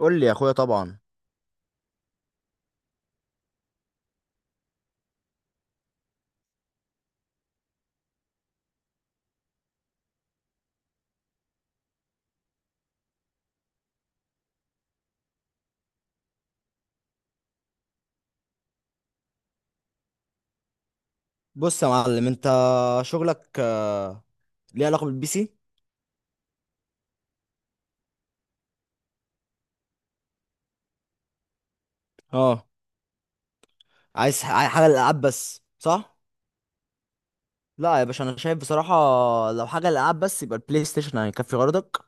قول لي يا اخويا، طبعا. بص يا معلم، انت شغلك ليه علاقه بالبي سي؟ اه، عايز عايز حاجه للالعاب بس صح؟ لا يا باشا، انا شايف بصراحه، لو حاجه للالعاب بس يبقى البلاي ستيشن هيكفي غرضك.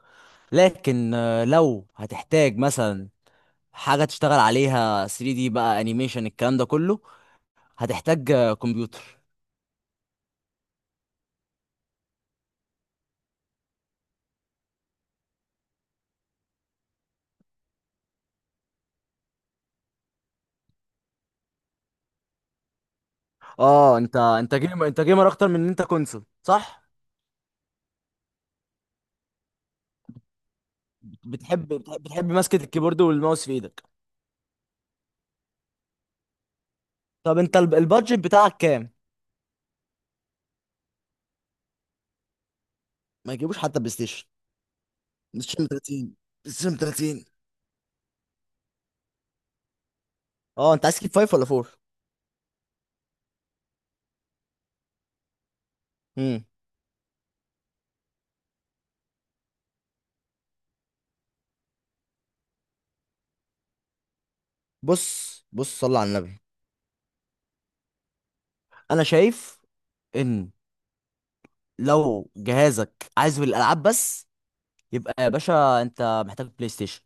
لكن لو هتحتاج مثلا حاجه تشتغل عليها 3D دي بقى، انيميشن، الكلام ده كله، هتحتاج كمبيوتر. اه، انت جيمر، انت جيمر اكتر من ان انت كونسول صح؟ بتحب ماسكه الكيبورد والماوس في ايدك. طب انت البادجت بتاعك كام؟ ما يجيبوش حتى بلاي ستيشن. بلاي ستيشن 30. بلاي ستيشن 30. اه، انت عايز كيك 5 ولا 4؟ امم بص بص، صلى على النبي. انا شايف ان لو جهازك عايز الالعاب بس، يبقى يا باشا انت محتاج بلاي ستيشن.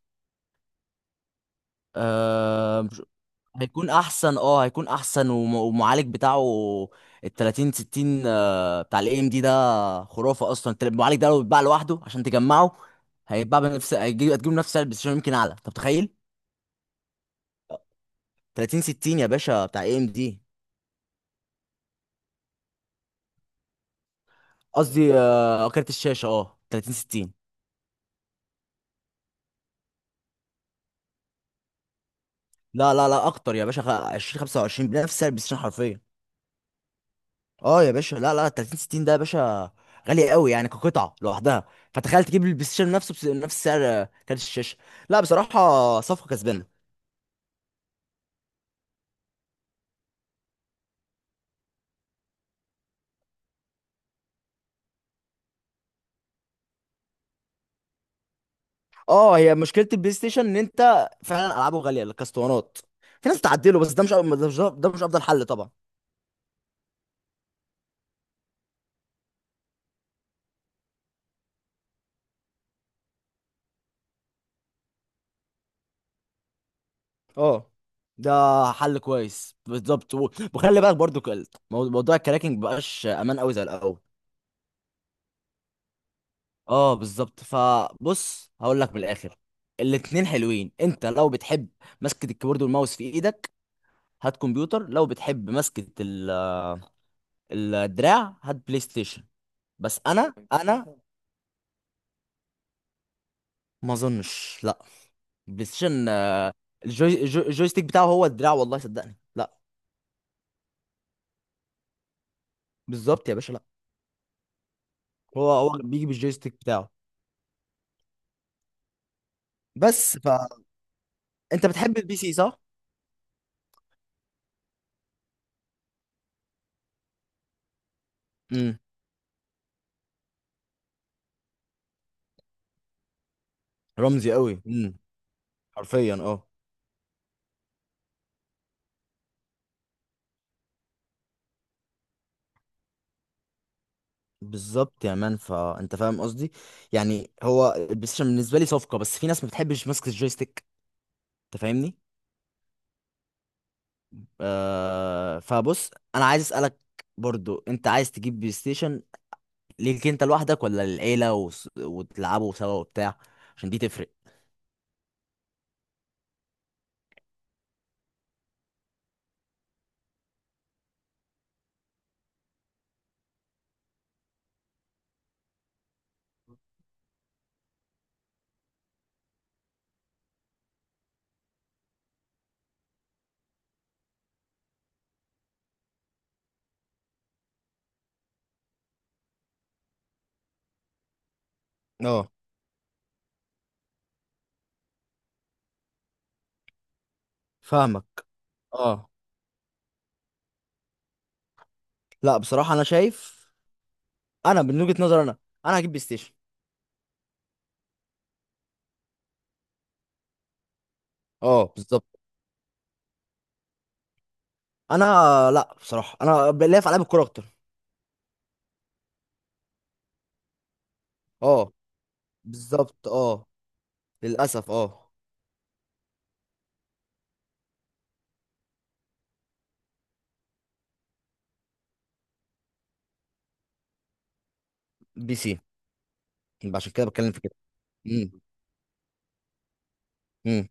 آه، هيكون احسن، اه هيكون احسن، والمعالج بتاعه ال 30 60، بتاع الاي ام دي ده، خرافه اصلا. انت المعالج ده لو اتباع لوحده عشان تجمعه، هيتباع بنفس هتجيب نفس سعر البلاي ستيشن، يمكن اعلى، انت متخيل؟ 30 60 يا باشا بتاع اي ام دي. قصدي كارت الشاشه، اه 30 60. لا لا لا، اكتر يا باشا، 20 25 بنفس سعر البلاي ستيشن حرفيا. اه يا باشا، لا لا، 30 60 ده يا باشا غالي قوي يعني كقطعه لوحدها. فتخيل تجيب البلاي ستيشن نفسه بنفس سعر كارت الشاشه. لا بصراحه صفقه كسبانه. اه، هي مشكله البلاي ستيشن ان انت فعلا العابه غاليه، الكاستوانات. في ناس بتعدله، بس ده مش افضل حل طبعا. اه، ده حل كويس بالظبط، وخلي بالك برضو، موضوع الكراكنج مبقاش امان قوي زي الاول. اه بالظبط، فبص هقول لك من الاخر. الاتنين حلوين. انت لو بتحب مسكة الكيبورد والماوس في ايدك هات كمبيوتر، لو بتحب مسكة الدراع هات بلاي ستيشن. بس انا ما اظنش لا. البلاي ستيشن الجويستيك بتاعه هو الدراع، والله صدقني لا. بالظبط يا باشا لا. هو بيجي بالجويستيك بتاعه. بس فانت بتحب البي سي صح؟ امم رمزي قوي. حرفيا اه. بالظبط يا مان، فانت فاهم قصدي. يعني هو البلاي ستيشن بالنسبه لي صفقه، بس في ناس ما بتحبش ماسكه الجويستيك، انت فاهمني؟ فبص، انا عايز اسالك برضو، انت عايز تجيب بلاي ستيشن ليك انت لوحدك ولا للعيله وتلعبوا سوا وبتاع؟ عشان دي تفرق. اه فاهمك اه. لا بصراحه انا شايف، انا من وجهه نظري انا، انا هجيب بلاي ستيشن. اه بالظبط انا. لا بصراحه، انا ليا في العاب الكوره اكتر. اه بالظبط اه. للاسف اه. بي سي. يبقى عشان كده بتكلم في كده. امم امم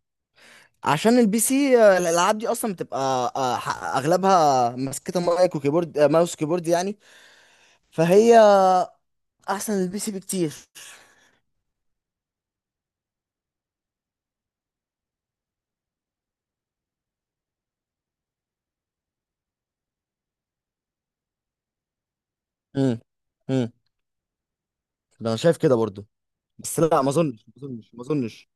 عشان البي سي الالعاب دي اصلا بتبقى اغلبها ماسكه مايك وكيبورد، ماوس وكيبورد يعني، فهي احسن البي سي بكتير. امم امم ده انا شايف كده برضو. بس لا، ما اظنش ما اظنش ما اظنش.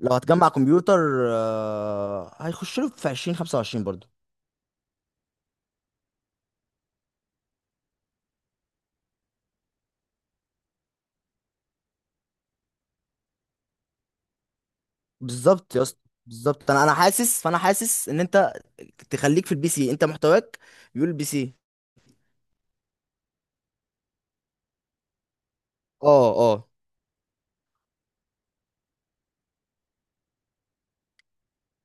لو هتجمع كمبيوتر هيخش له في 20 25 برضو. بالظبط يا اسطى. بالظبط، انا حاسس، فانا حاسس ان انت تخليك في البي سي، انت محتواك يقول البي سي. اه اه.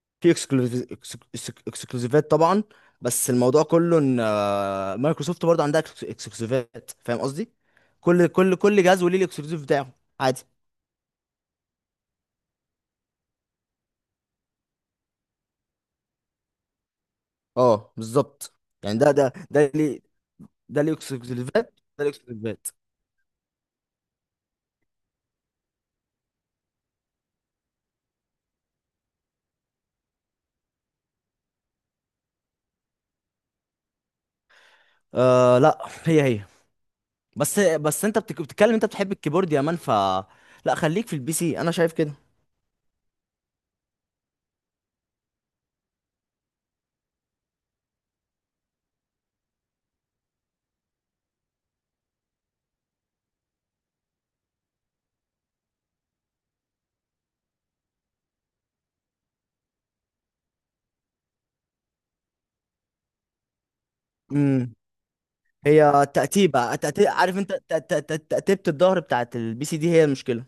في اكسكلوزيفات طبعا. بس الموضوع كله ان مايكروسوفت برضه عندها اكسكلوزيفات، فاهم قصدي؟ كل جهاز وليه الاكسكلوزيف بتاعه، عادي. اه بالظبط. يعني ده ليه؟ ده ليه اكسكلوزيفات؟ ده ليه اكسكلوزيفات؟ آه لا، هي. بس انت بتتكلم، انت بتحب الكيبورد يا مان ف... لا، خليك في البي سي، انا شايف كده. امم هي عارف انت، تأتيبة الظهر بتاعت البي سي دي هي المشكلة.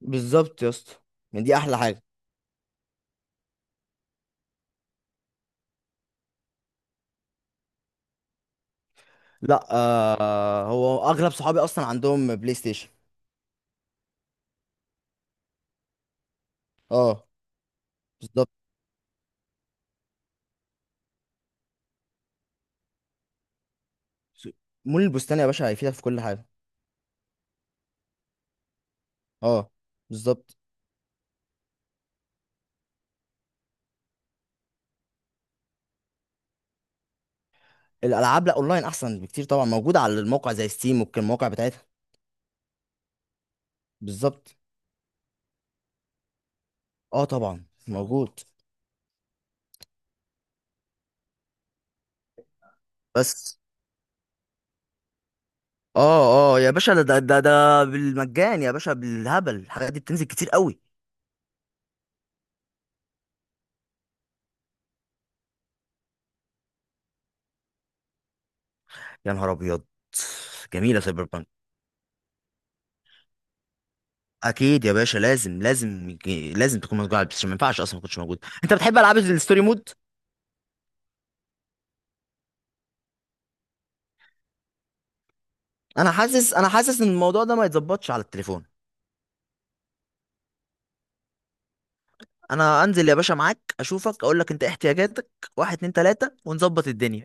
بالظبط يا اسطى. يعني دي احلى حاجة. لا، آه هو اغلب صحابي اصلا عندهم بلاي ستيشن. اه بالظبط. مول البستان يا باشا هيفيدك في كل حاجه. اه. بالظبط. الالعاب لا، اونلاين احسن بكتير طبعا، موجوده على الموقع زي ستيم والمواقع بتاعتها. بالظبط. اه طبعا موجود. بس. اه اه يا باشا، ده بالمجان يا باشا، بالهبل، الحاجات دي بتنزل كتير قوي. يا نهار ابيض. جميله سايبر بانك. اكيد يا باشا، لازم لازم، لازم تكون موجود على البلاي ستيشن، ما ينفعش اصلا ما كنتش موجود. انت بتحب العاب الستوري مود؟ انا حاسس ان الموضوع ده ما يتظبطش على التليفون. انا انزل يا باشا معاك، اشوفك، اقول لك انت إيه احتياجاتك. واحد اتنين تلاتة، ونظبط الدنيا.